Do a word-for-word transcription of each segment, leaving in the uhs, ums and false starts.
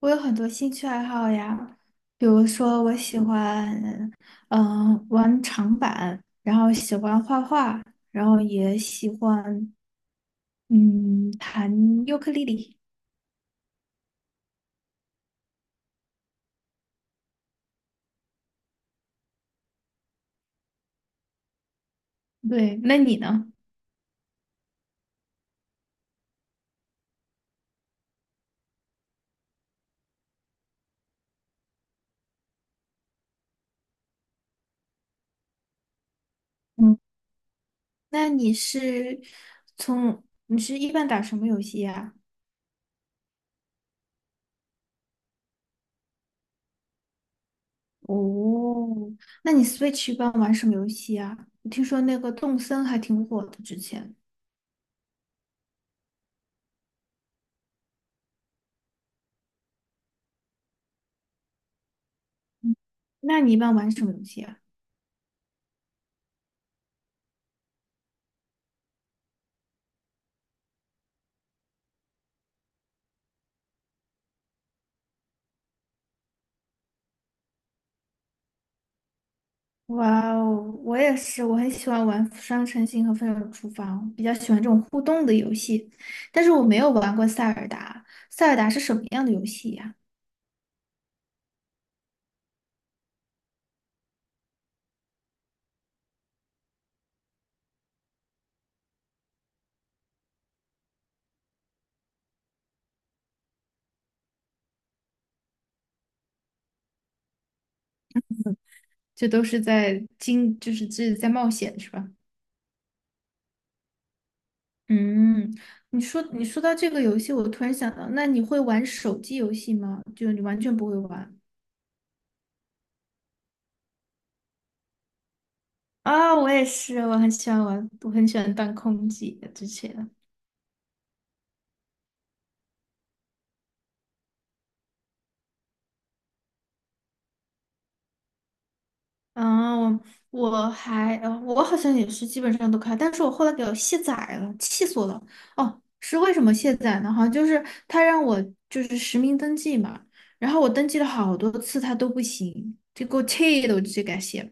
我有很多兴趣爱好呀，比如说我喜欢，嗯，玩长板，然后喜欢画画，然后也喜欢，嗯，弹尤克里里。对，那你呢？嗯，那你是从你是一般打什么游戏呀？哦，那你 Switch 一般玩什么游戏啊？我听说那个动森还挺火的之前，嗯那你一般玩什么游戏啊？哇哦，我也是，我很喜欢玩《双城星》和《分手厨房》，比较喜欢这种互动的游戏。但是我没有玩过《塞尔达》，《塞尔达》是什么样的游戏呀？这都是在经，就是这是在冒险是吧？嗯，你说你说到这个游戏，我突然想到，那你会玩手机游戏吗？就你完全不会玩啊，我也是，我很喜欢玩，我很喜欢当空姐之前。嗯，我还，呃我好像也是基本上都开，但是我后来给我卸载了，气死我了。哦，是为什么卸载呢？好像就是他让我就是实名登记嘛，然后我登记了好多次，他都不行，就给我气的，我就直接给他卸了。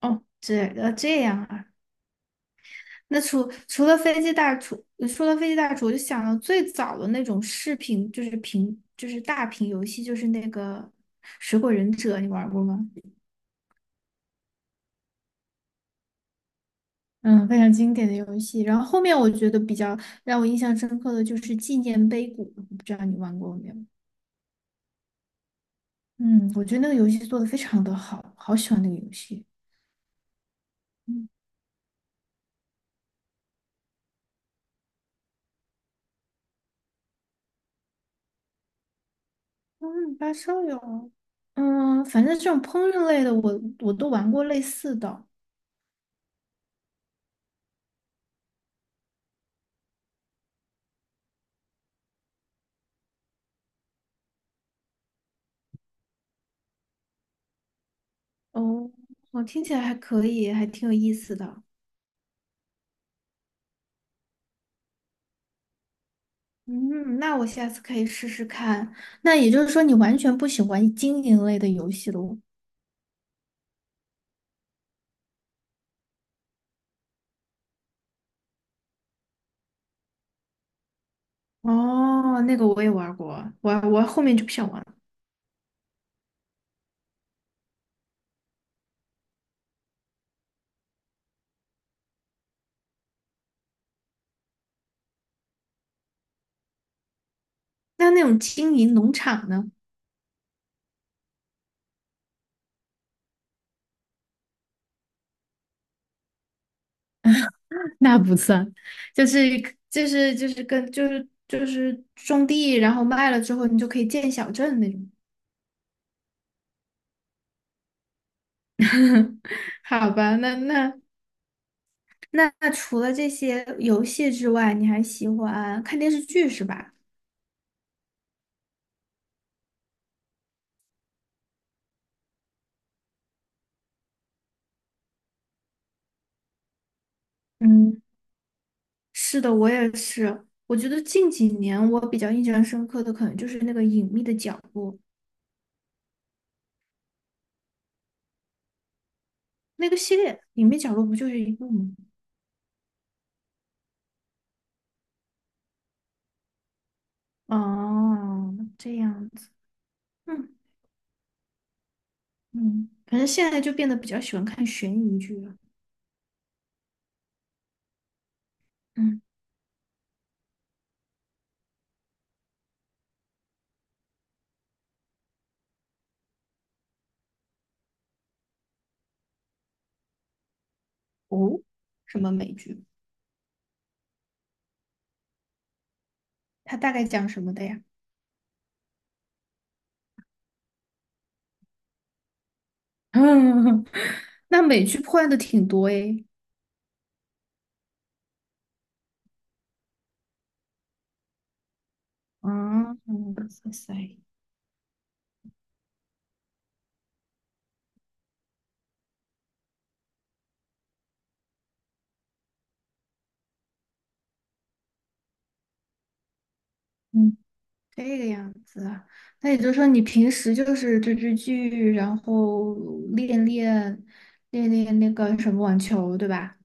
哦，这呃这样啊。那除除了飞机大厨，说到飞机大厨，我就想到最早的那种视频，就是屏，就是大屏游戏，就是那个《水果忍者》，你玩过吗？嗯，非常经典的游戏。然后后面我觉得比较让我印象深刻的就是《纪念碑谷》，我不知道你玩过没有？嗯，我觉得那个游戏做的非常的好，好喜欢那个游戏。嗯，嗯，八烧友，嗯，反正这种烹饪类的我我都玩过类似的。哦，我听起来还可以，还挺有意思的。嗯，那我下次可以试试看。那也就是说，你完全不喜欢经营类的游戏了？哦，那个我也玩过，我我后面就不想玩了。那那种经营农场呢？那不算，就是就是就是跟就是就是种地，然后卖了之后，你就可以建小镇那种。好吧，那那那那除了这些游戏之外，你还喜欢看电视剧是吧？嗯，是的，我也是。我觉得近几年我比较印象深刻的，可能就是那个《隐秘的角落》那个系列，《隐秘角落》不就是一个吗？哦，这样子，嗯，嗯，反正现在就变得比较喜欢看悬疑剧了。嗯，哦，什么美剧？它大概讲什么的呀？嗯，那美剧破案的挺多诶。啊，嗯，哇塞，嗯，这个样子啊。那也就是说，你平时就是追追剧，然后练练练练那个什么网球，对吧？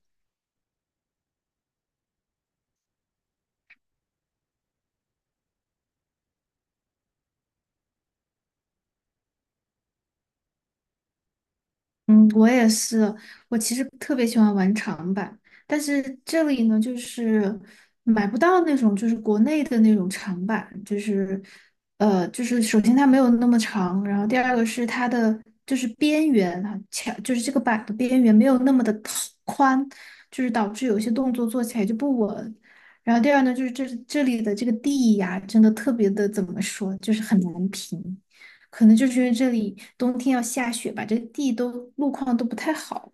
嗯，我也是。我其实特别喜欢玩长板，但是这里呢，就是买不到那种就是国内的那种长板，就是呃，就是首先它没有那么长，然后第二个是它的就是边缘啊，墙就是这个板的边缘没有那么的宽，就是导致有些动作做起来就不稳。然后第二呢，就是这这里的这个地呀，真的特别的怎么说，就是很难评。可能就是因为这里冬天要下雪吧，这地都路况都不太好。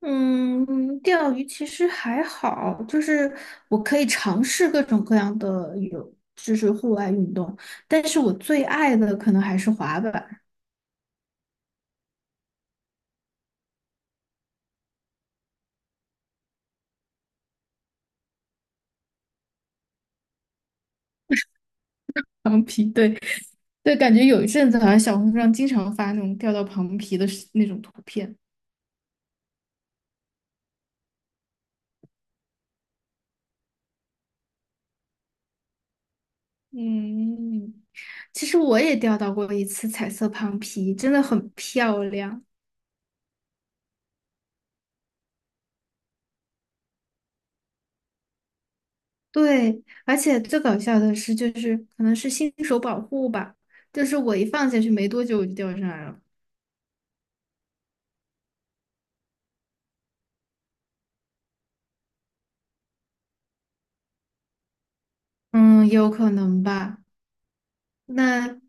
嗯，钓鱼其实还好，就是我可以尝试各种各样的有，就是户外运动，但是我最爱的可能还是滑板、长皮。对，对，感觉有一阵子好像小红书上经常发那种钓到螃蜍的视那种图片。嗯，其实我也钓到过一次彩色螃蜍，真的很漂亮。对，而且最搞笑的是，就是可能是新手保护吧，就是我一放下去没多久我就掉上来了。嗯，有可能吧。那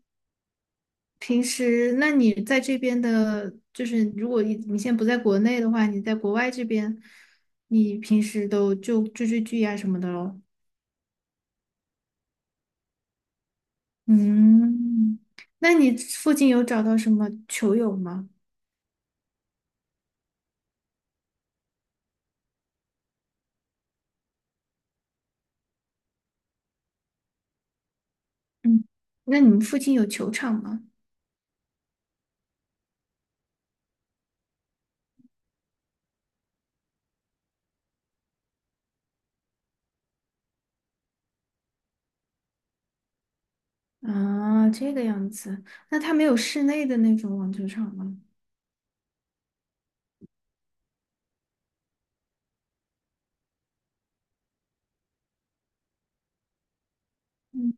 平时，那你在这边的，就是如果你你现在不在国内的话，你在国外这边，你平时都就追追剧呀、什么的咯。嗯，那你附近有找到什么球友吗？嗯，那你们附近有球场吗？啊，这个样子，那它没有室内的那种网球场吗？嗯，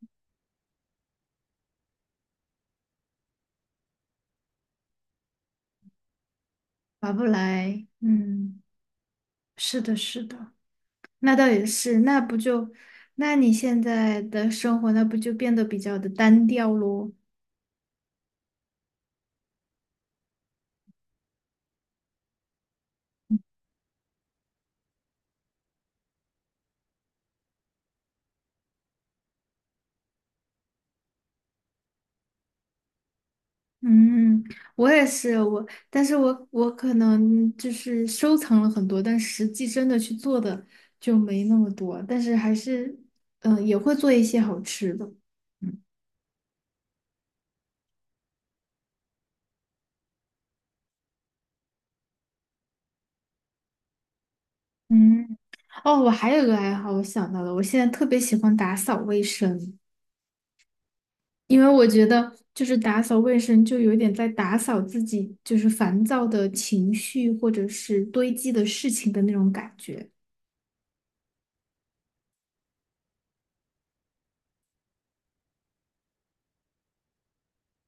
划不来。嗯，是的，是的，那倒也是，那不就，那你现在的生活，那不就变得比较的单调咯？嗯，我也是，我，但是我我可能就是收藏了很多，但实际真的去做的就没那么多，但是还是，嗯、也会做一些好吃的。嗯。嗯，哦，我还有个爱好，我想到了，我现在特别喜欢打扫卫生，因为我觉得就是打扫卫生就有点在打扫自己，就是烦躁的情绪或者是堆积的事情的那种感觉。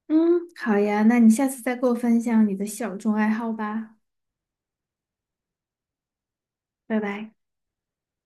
嗯，好呀，那你下次再给我分享你的小众爱好吧，拜拜。